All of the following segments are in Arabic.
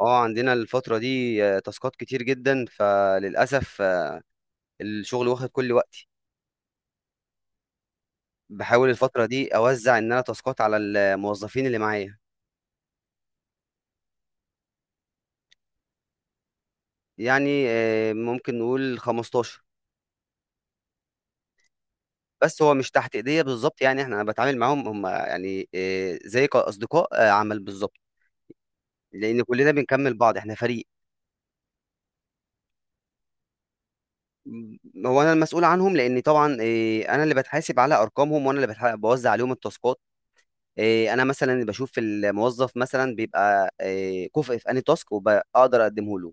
اه عندنا الفترة دي تاسكات كتير جدا، فللأسف الشغل واخد كل وقتي. بحاول الفترة دي أوزع إن أنا تاسكات على الموظفين اللي معايا، يعني ممكن نقول 15. بس هو مش تحت إيديا بالظبط، يعني إحنا أنا بتعامل معاهم، هم يعني زي كأصدقاء عمل بالظبط، لأن كلنا بنكمل بعض، إحنا فريق. هو أنا المسؤول عنهم، لأن طبعا أنا اللي بتحاسب على أرقامهم، وأنا اللي بوزع عليهم التاسكات. إيه، انا مثلا بشوف الموظف مثلا بيبقى إيه، كفء في انهي تاسك وبقدر اقدمه له.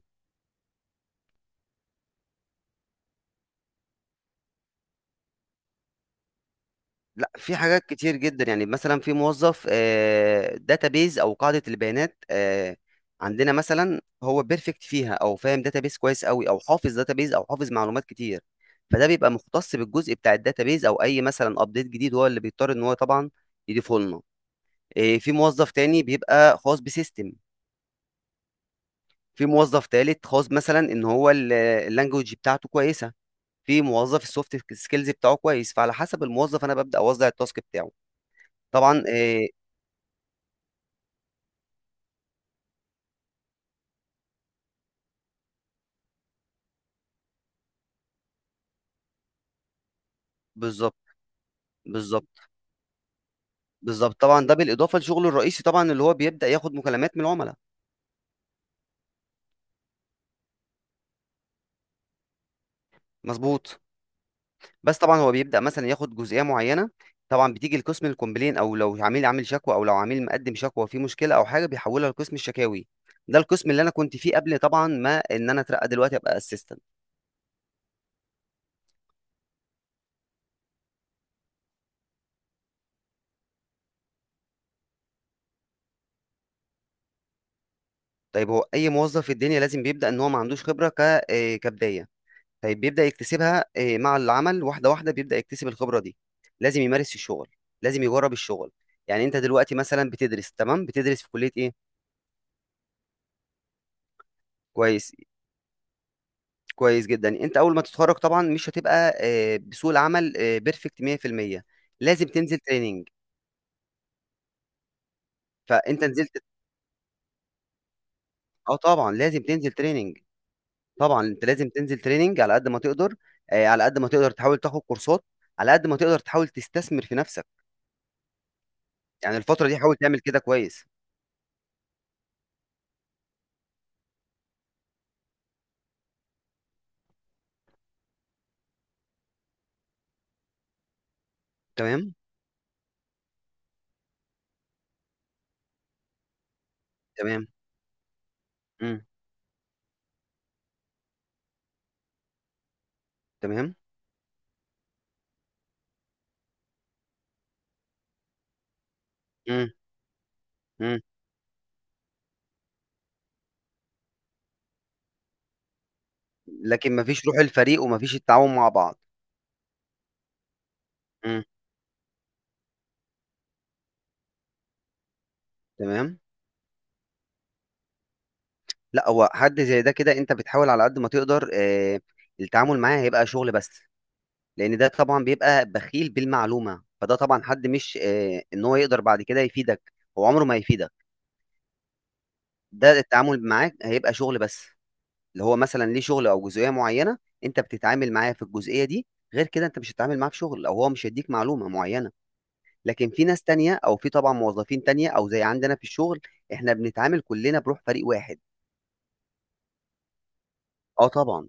لا، في حاجات كتير جدا، يعني مثلا في موظف داتابيز او قاعده البيانات عندنا مثلا هو بيرفكت فيها، او فاهم داتابيز كويس قوي، او حافظ داتابيز، او حافظ معلومات كتير، فده بيبقى مختص بالجزء بتاع الداتابيز، او اي مثلا ابديت جديد هو اللي بيضطر ان هو طبعا يضيفه لنا. إيه، في موظف تاني بيبقى خاص بسيستم. في موظف تالت خاص مثلا ان هو اللانجوج بتاعته كويسه. في موظف السوفت سكيلز بتاعه كويس، فعلى حسب الموظف انا ببدا اوزع التاسك بتاعه. طبعا بالظبط. بالظبط. بالظبط، طبعا ده بالاضافه لشغله الرئيسي، طبعا اللي هو بيبدا ياخد مكالمات من العملاء. مظبوط. بس طبعا هو بيبدا مثلا ياخد جزئيه معينه، طبعا بتيجي لقسم الكومبلين، او لو عميل عامل شكوى، او لو عميل مقدم شكوى في مشكله او حاجه بيحولها لقسم الشكاوي. ده القسم اللي انا كنت فيه قبل، طبعا ما ان انا اترقى دلوقتي ابقى اسيستنت. طيب، هو اي موظف في الدنيا لازم بيبدا ان هو ما عندوش خبره ك كبدايه. طيب بيبدأ يكتسبها مع العمل، واحدة واحدة بيبدأ يكتسب الخبرة دي. لازم يمارس في الشغل، لازم يجرب الشغل. يعني انت دلوقتي مثلا بتدرس، تمام؟ بتدرس في كلية ايه؟ كويس. كويس جدا، انت اول ما تتخرج طبعا مش هتبقى بسوق العمل بيرفكت 100%. لازم تنزل تريننج. فانت نزلت. اه طبعا لازم تنزل تريننج، طبعا انت لازم تنزل تريننج على قد ما تقدر. على قد ما تقدر تحاول تاخد كورسات، على قد ما تقدر تحاول تستثمر في نفسك. يعني الفترة دي حاول تعمل كده كويس. تمام. تمام. تمام؟ إمم، إمم، لكن ما فيش روح الفريق وما فيش التعاون مع بعض. إمم، تمام، لأ هو حد زي ده كده أنت بتحاول على قد ما تقدر، التعامل معاه هيبقى شغل بس، لأن ده طبعًا بيبقى بخيل بالمعلومة، فده طبعًا حد مش إن هو يقدر بعد كده يفيدك، هو عمره ما هيفيدك، ده التعامل معاه هيبقى شغل بس، اللي هو مثلًا ليه شغل أو جزئية معينة، أنت بتتعامل معاه في الجزئية دي، غير كده أنت مش هتتعامل معاه في شغل، أو هو مش هيديك معلومة معينة. لكن في ناس تانية، او في طبعا موظفين تانية، او زي عندنا في الشغل احنا بنتعامل كلنا بروح فريق واحد. اه طبعا،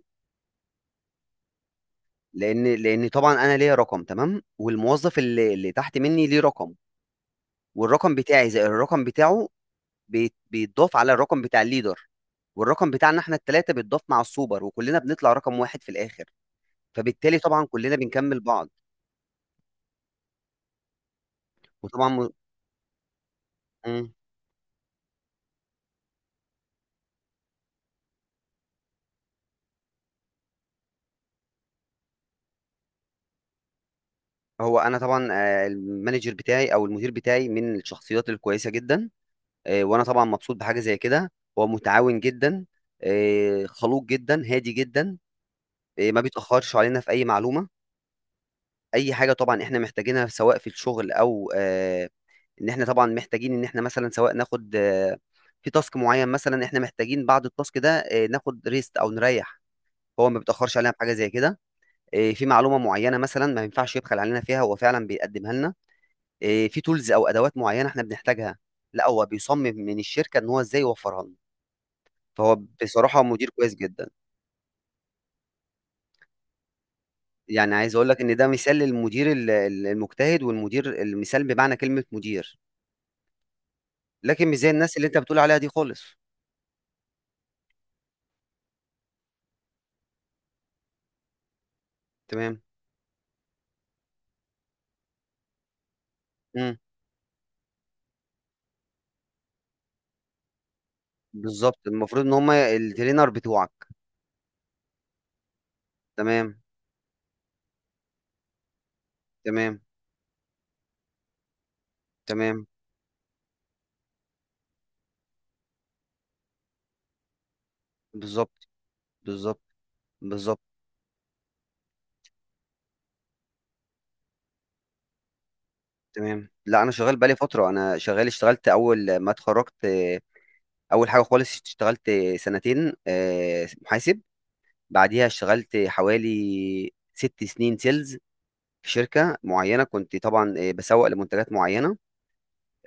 لان لان طبعا انا ليا رقم، تمام، والموظف اللي تحت مني ليه رقم، والرقم بتاعي زائد الرقم بتاعه بيتضاف على الرقم بتاع الليدر، والرقم بتاعنا احنا التلاتة بيتضاف مع السوبر، وكلنا بنطلع رقم واحد في الاخر. فبالتالي طبعا كلنا بنكمل بعض. وطبعا مم. هو انا طبعا المانجر بتاعي او المدير بتاعي من الشخصيات الكويسة جدا. وانا طبعا مبسوط بحاجه زي كده. هو متعاون جدا. خلوق جدا، هادي جدا. ما بيتاخرش علينا في اي معلومه، اي حاجه طبعا احنا محتاجينها، سواء في الشغل او ان احنا طبعا محتاجين ان احنا مثلا سواء ناخد في تاسك معين مثلا، احنا محتاجين بعد التاسك ده ناخد ريست او نريح. هو ما بيتاخرش علينا في حاجه زي كده. في معلومه معينه مثلا ما ينفعش يبخل علينا فيها، هو فعلا بيقدمها لنا. في تولز او ادوات معينه احنا بنحتاجها، لا هو بيصمم من الشركه ان هو ازاي يوفرها لنا. فهو بصراحة مدير كويس جدًا. يعني عايز أقول لك إن ده مثال للمدير ال المجتهد والمدير المثال بمعنى كلمة مدير. لكن مش زي الناس اللي أنت بتقول عليها دي خالص. تمام، إمم، بالضبط، المفروض إن هُم الtrainer بتوعك. تمام، تمام، تمام، بالضبط، بالضبط، بالضبط، تمام، لأ أنا شغال بقى لي فترة. أنا شغال، اشتغلت أول ما اتخرجت، أول حاجة خالص اشتغلت 2 سنين محاسب. بعديها اشتغلت حوالي 6 سنين sales في شركة معينة، كنت طبعًا باسوّق لمنتجات معينة.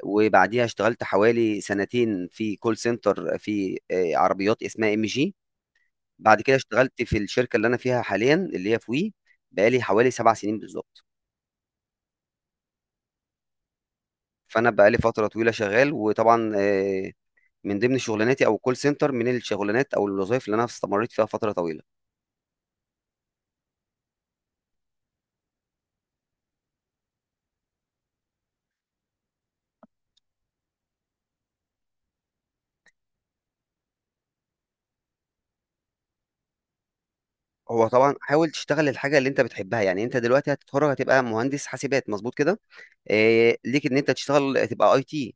وبعديها اشتغلت حوالي 2 سنين في call center في عربيات اسمها MG. بعد كده اشتغلت في الشركة اللي أنا فيها حاليًا اللي هي في وي، بقى لي حوالي 7 سنين بالضبط. فأنا بقى لي فترة طويلة شغال، وطبعًا من ضمن شغلاناتي، أو الcall center من الشغلانات أو الوظايف اللي أنا استمريت فيها فترة طويلة. هو طبعًا حاول تشتغل الحاجة اللي أنت بتحبها. يعني أنت دلوقتي هتتخرّج هتبقى مهندس حاسبات، مضبوط كده؟ ليك إن أنت تشتغل تبقى IT.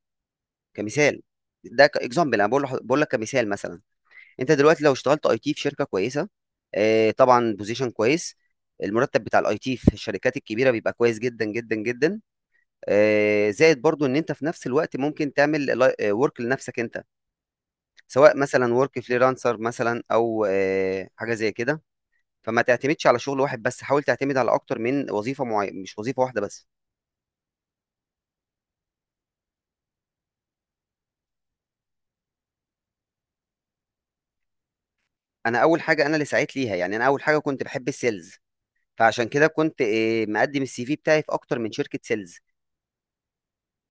كمثال، ده كاكزامبل، انا بقول لك كمثال مثلا. انت دلوقتي لو اشتغلت اي تي في شركه كويسه، طبعا بوزيشن كويس، المرتب بتاع الاي تي في الشركات الكبيره بيبقى كويس جدا جدا جدا. زائد برضو ان انت في نفس الوقت ممكن تعمل ورك لنفسك انت، سواء مثلا ورك فريلانسر مثلا او حاجه زي كده. فما تعتمدش على شغل واحد بس، حاول تعتمد على اكتر من وظيفه معينه، مش وظيفه واحده بس. انا اول حاجه انا اللي سعيت ليها، يعني انا اول حاجه كنت بحب السيلز، فعشان كده كنت مقدم السي في بتاعي في اكتر من شركه سيلز.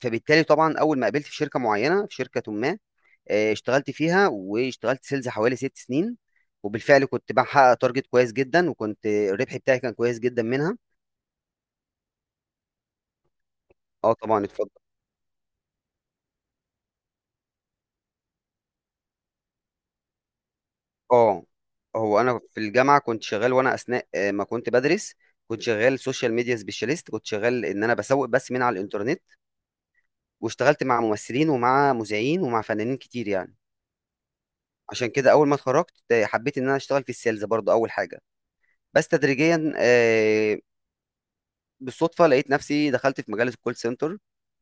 فبالتالي طبعا اول ما قابلت في شركه معينه، في شركه ما، اشتغلت فيها واشتغلت سيلز حوالي 6 سنين، وبالفعل كنت بحقق تارجت كويس جدا، وكنت الربح بتاعي كان كويس جدا منها. اه طبعا اتفضل. اه، هو انا في الجامعه كنت شغال، وانا اثناء ما كنت بدرس كنت شغال سوشيال ميديا سبيشاليست، كنت شغال ان انا بسوق بس من على الانترنت، واشتغلت مع ممثلين ومع مذيعين ومع فنانين كتير يعني. عشان كده اول ما اتخرجت حبيت ان انا اشتغل في السيلز برضو اول حاجه. بس تدريجيا بالصدفه لقيت نفسي دخلت في مجال الكول سنتر.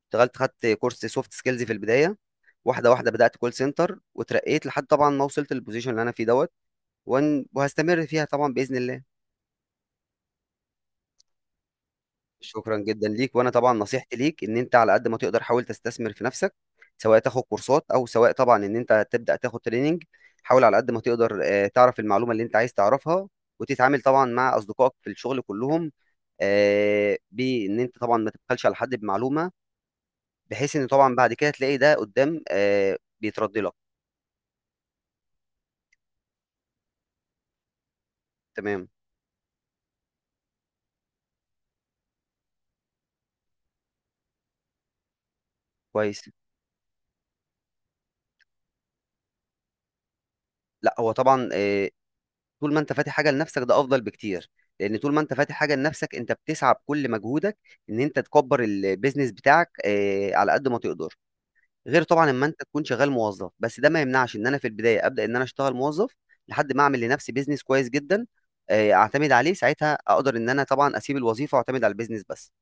اشتغلت، خدت كورس سوفت سكيلز في البدايه، واحده واحده بدات كول سنتر، وترقيت لحد طبعا ما وصلت للبوزيشن اللي انا فيه دوت. وهستمر فيها طبعا باذن الله. شكرا جدا ليك، وانا طبعا نصيحتي ليك ان انت على قد ما تقدر حاول تستثمر في نفسك، سواء تاخد كورسات، او سواء طبعا ان انت تبدا تاخد تريننج. حاول على قد ما تقدر تعرف المعلومه اللي انت عايز تعرفها، وتتعامل طبعا مع اصدقائك في الشغل كلهم، بان انت طبعا ما تبخلش على حد بمعلومه، بحيث ان طبعا بعد كده تلاقي ده قدام بيترد لك. تمام. كويس. لا هو طبعا طول ما انت فاتح حاجه لنفسك ده افضل بكتير، لان طول ما انت فاتح حاجه لنفسك انت بتسعى بكل مجهودك ان انت تكبر البيزنس بتاعك على قد ما تقدر، غير طبعا اما انت تكون شغال موظف بس. ده ما يمنعش ان انا في البدايه ابدا ان انا اشتغل موظف لحد ما اعمل لنفسي بيزنس كويس جدا، اعتمد عليه ساعتها، اقدر ان انا طبعا اسيب الوظيفه واعتمد على البيزنس بس.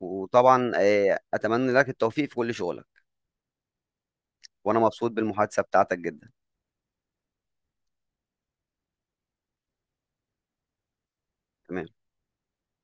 وطبعا اتمنى لك التوفيق في كل شغلك، وانا مبسوط بالمحادثه بتاعتك جدا. تمام.